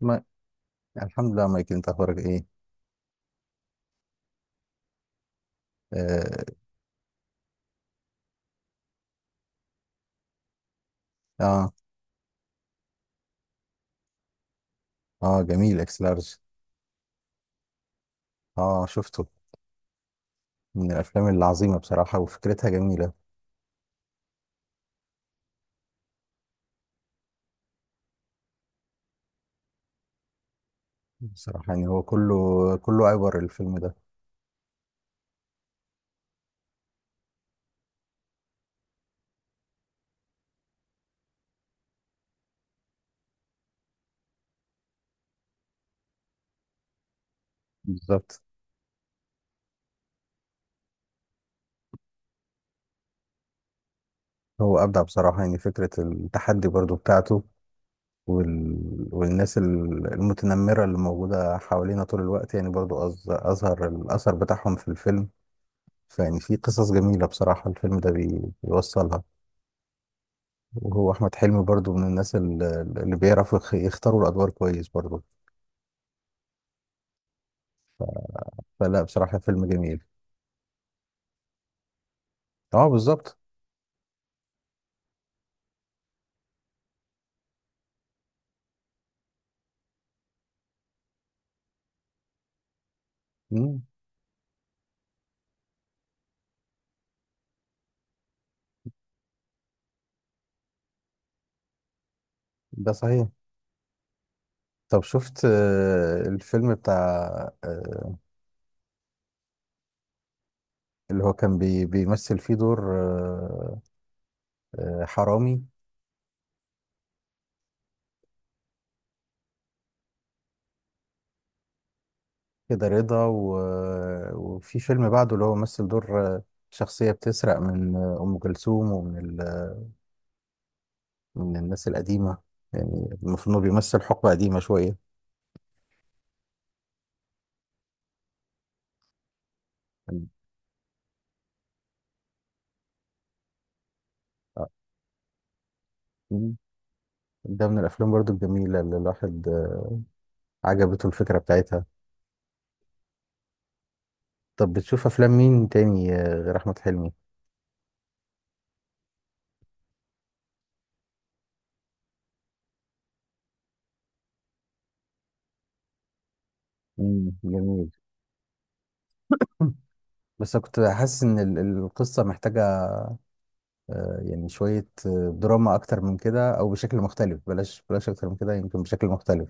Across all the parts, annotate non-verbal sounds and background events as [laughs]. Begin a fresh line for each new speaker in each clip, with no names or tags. ما الحمد لله مايك، انت اخبارك ايه؟ اه اه، آه جميل اكس لارج. اه شفته. من الافلام العظيمه بصراحه، وفكرتها جميله بصراحه. يعني هو كله عبر الفيلم ده. بالظبط. هو ابدع بصراحه، يعني فكره التحدي برضو بتاعته. وال... والناس المتنمره اللي موجوده حوالينا طول الوقت، يعني برضو اظهر الاثر بتاعهم في الفيلم. فيعني في قصص جميله بصراحه الفيلم ده بيوصلها. وهو احمد حلمي برضو من الناس اللي بيعرفوا يختاروا الادوار كويس برضو. فلا بصراحه فيلم جميل. اه بالظبط. مم، ده صحيح. طب شفت الفيلم بتاع آه، اللي هو كان بيمثل فيه دور حرامي. كده رضا، وفي فيلم بعده اللي هو مثل دور شخصية بتسرق من أم كلثوم ومن من الناس القديمة. يعني المفروض إنه بيمثل حقبة قديمة شوية. آه. ده من الافلام برضو الجميله اللي الواحد عجبته الفكره بتاعتها. طب بتشوف افلام مين تاني غير احمد حلمي؟ جميل. [laughs] بس أنا كنت حاسس ان القصه محتاجه يعني شويه دراما اكتر من كده او بشكل مختلف، بلاش اكتر من كده يمكن بشكل مختلف.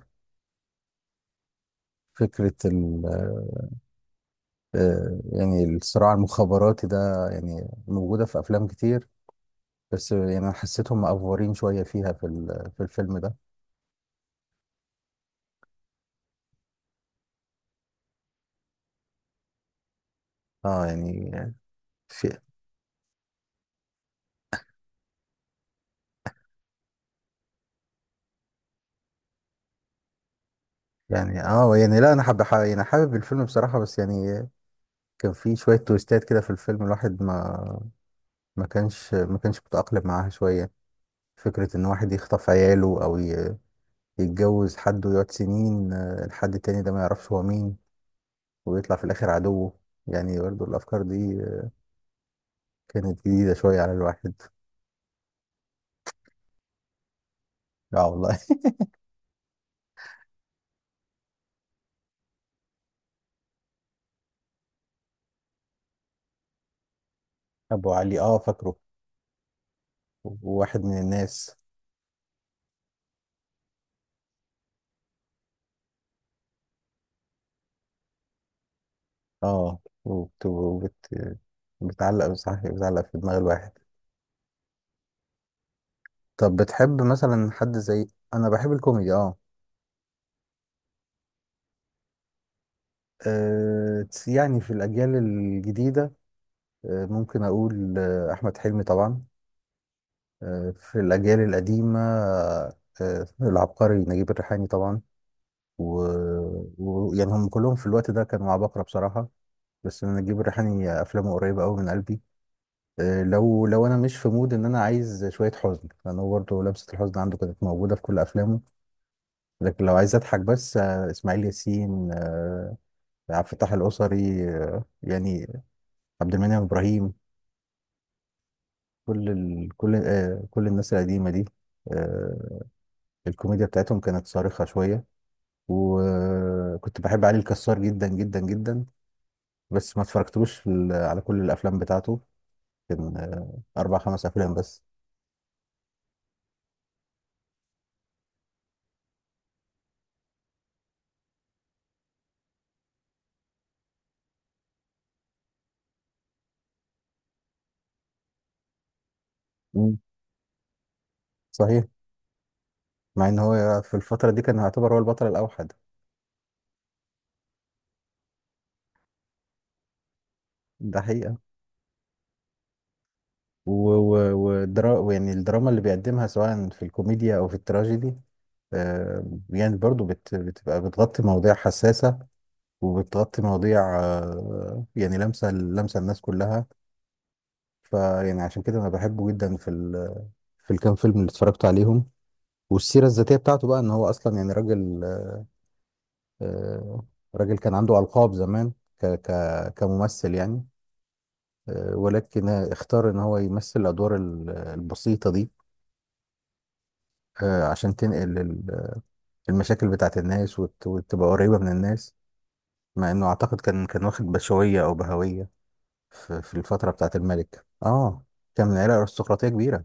فكره ال آه، يعني الصراع المخابراتي ده يعني موجوده في افلام كتير، بس يعني انا حسيتهم مأفورين شويه فيها في في الفيلم ده. اه يعني. في. يعني اه يعني لا، انا يعني حابب الفيلم بصراحة، بس يعني كان في شوية تويستات كده في الفيلم، الواحد ما ما كانش متأقلم معاها شوية. فكرة ان واحد يخطف عياله او يتجوز حد ويقعد سنين الحد التاني ده ما يعرفش هو مين، ويطلع في الاخر عدوه. يعني برضه الافكار دي كانت جديدة شوية على الواحد. اه والله. [laughs] ابو علي، اه فاكره. وواحد من الناس. اه بتعلق، صح، بتعلق في دماغ الواحد. طب بتحب مثلا حد زي. انا بحب الكوميدي، اه. يعني في الاجيال الجديده ممكن اقول احمد حلمي طبعا. في الاجيال القديمه العبقري نجيب الريحاني طبعا. يعني هم كلهم في الوقت ده كانوا عباقرة بصراحه. بس أنا نجيب الريحاني افلامه قريبه قوي من قلبي. لو انا مش في مود ان انا عايز شويه حزن، لان هو برضه لمسه الحزن عنده كانت موجوده في كل افلامه. لكن لو عايز اضحك بس، اسماعيل ياسين، عبد الفتاح الأسري، يعني عبد المنعم إبراهيم. كل كل الناس القديمة دي، آه، الكوميديا بتاعتهم كانت صارخة شوية. وكنت بحب علي الكسار جدا جدا جدا، بس ما اتفرجتلوش في على كل الأفلام بتاعته. كان أربع خمس أفلام بس. مم. صحيح. مع إن هو في الفترة دي كان يعتبر هو البطل الأوحد. ده حقيقة. يعني الدراما اللي بيقدمها سواء في الكوميديا أو في التراجيدي آه، يعني برضو بتبقى بتغطي مواضيع حساسة، وبتغطي مواضيع يعني لمسة لمسة الناس كلها. فيعني عشان كده أنا بحبه جدا، في في الكام فيلم اللي اتفرجت عليهم. والسيرة الذاتية بتاعته بقى إن هو أصلا يعني راجل، آه، راجل كان عنده ألقاب زمان، ك ك كممثل يعني. ولكن اختار إن هو يمثل الأدوار البسيطة دي عشان تنقل المشاكل بتاعت الناس، وتبقى قريبة من الناس. مع انه اعتقد كان واخد بشوية او بهوية في, الفترة بتاعت الملك، اه، كان من عيلة ارستقراطية كبيرة.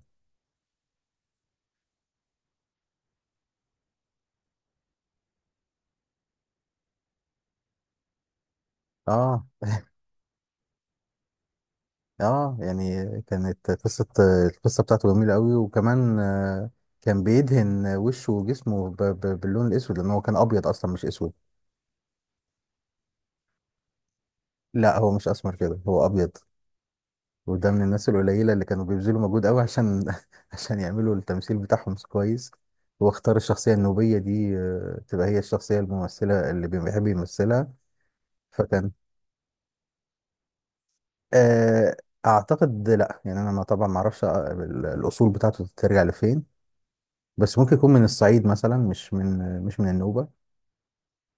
اه اه. يعني كانت قصة القصة بتاعته جميلة قوي. وكمان كان بيدهن وشه وجسمه باللون الاسود، لان هو كان ابيض اصلا مش اسود. لا هو مش اسمر كده، هو ابيض. وده من الناس القليلة اللي كانوا بيبذلوا مجهود قوي عشان [laughs] عشان يعملوا التمثيل بتاعهم كويس. واختار الشخصية النوبية دي تبقى هي الشخصية الممثلة اللي بيحب يمثلها. فكان آه، اعتقد لا، يعني انا ما طبعا ما اعرفش الاصول بتاعته ترجع لفين، بس ممكن يكون من الصعيد مثلا، مش من النوبة.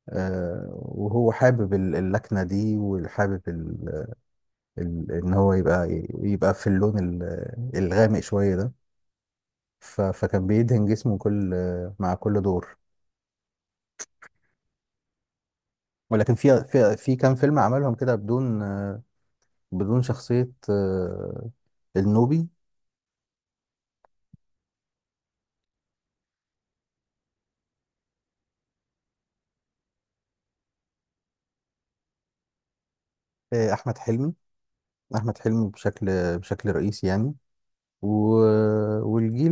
وهو حابب اللكنة دي، وحابب ان هو يبقى في اللون الغامق شوية ده. فكان بيدهن جسمه كل مع كل دور، ولكن في كام فيلم عملهم كده بدون بدون شخصية النوبي. احمد حلمي. احمد حلمي بشكل رئيسي يعني. و... والجيل،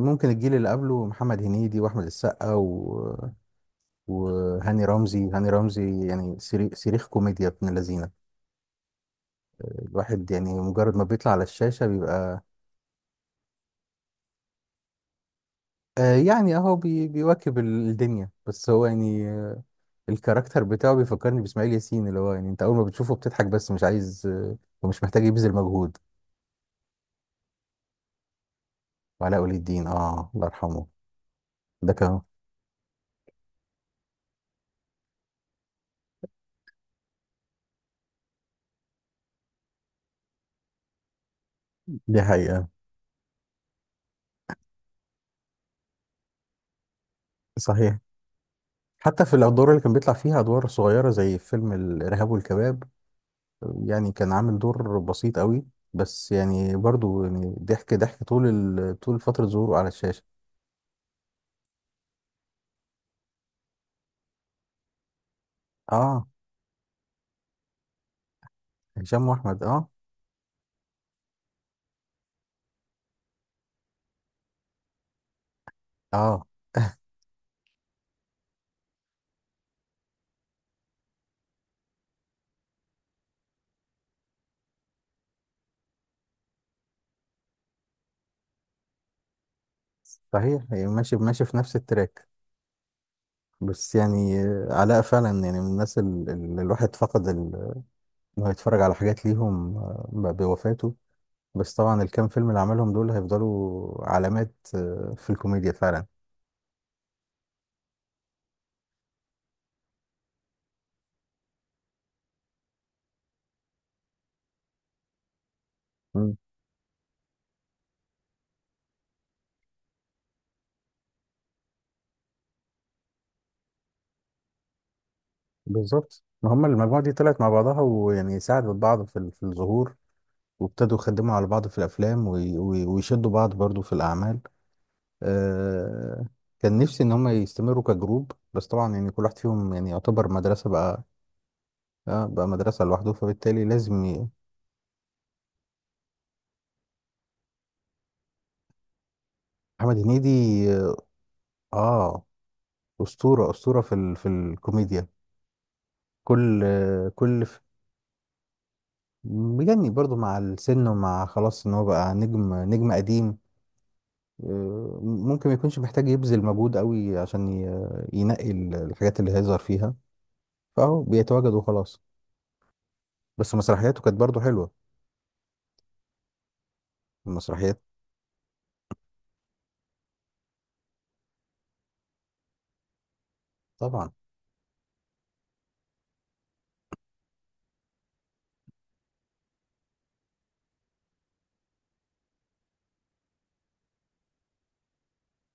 ممكن الجيل اللي قبله، محمد هنيدي واحمد السقا وهاني رمزي. هاني رمزي يعني صريخ صريخ كوميديا ابن اللذينه. الواحد يعني مجرد ما بيطلع على الشاشه بيبقى. آه يعني اهو بيواكب الدنيا، بس هو يعني الكاركتر بتاعه بيفكرني باسماعيل ياسين، اللي هو يعني انت اول ما بتشوفه بتضحك، بس مش عايز ومش محتاج يبذل مجهود. وعلاء ولي الدين، اه الله يرحمه. ده كان. دي حقيقه، صحيح. حتى في الادوار اللي كان بيطلع فيها ادوار صغيره زي فيلم الارهاب والكباب، يعني كان عامل دور بسيط قوي، بس يعني برضو يعني ضحك ضحك طول فتره ظهوره على الشاشه. اه. هشام واحمد اه. اه صحيح. هي ماشي ماشي في نفس التراك، بس يعني علاء فعلا يعني من الناس اللي الواحد فقد انه يتفرج على حاجات ليهم بوفاته. بس طبعا الكام فيلم اللي عملهم دول هيفضلوا علامات في الكوميديا فعلا. بالظبط، ما هم المجموعة دي طلعت مع بعضها، ويعني ساعدت بعض في في الظهور، وابتدوا يخدموا على بعض في الأفلام، ويشدوا بعض برضو في الأعمال. آه، كان نفسي إن هم يستمروا كجروب، بس طبعا يعني كل واحد فيهم يعني يعتبر مدرسة بقى. آه بقى مدرسة لوحده، فبالتالي لازم محمد هنيدي. آه أسطورة أسطورة في في الكوميديا. كل آه، كل ف- مجني برضو مع السن، ومع خلاص إن هو بقى نجم نجم قديم. ممكن ما يكونش محتاج يبذل مجهود قوي عشان ينقي الحاجات اللي هيظهر فيها، فهو بيتواجد وخلاص. بس مسرحياته كانت برضه حلوة، المسرحيات. طبعا.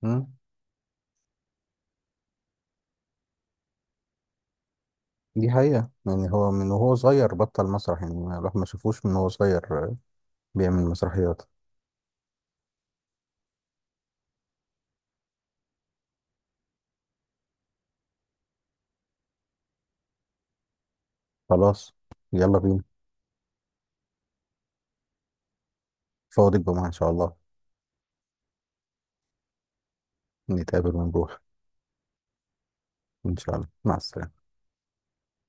مم. دي حقيقة، يعني هو من وهو صغير بطل مسرح يعني. الواحد ما شافوش من وهو صغير بيعمل مسرحيات. خلاص، يلا بينا. فاضي الجمعة إن شاء الله. نتقابل ونروح. إن شاء الله مع السلامة.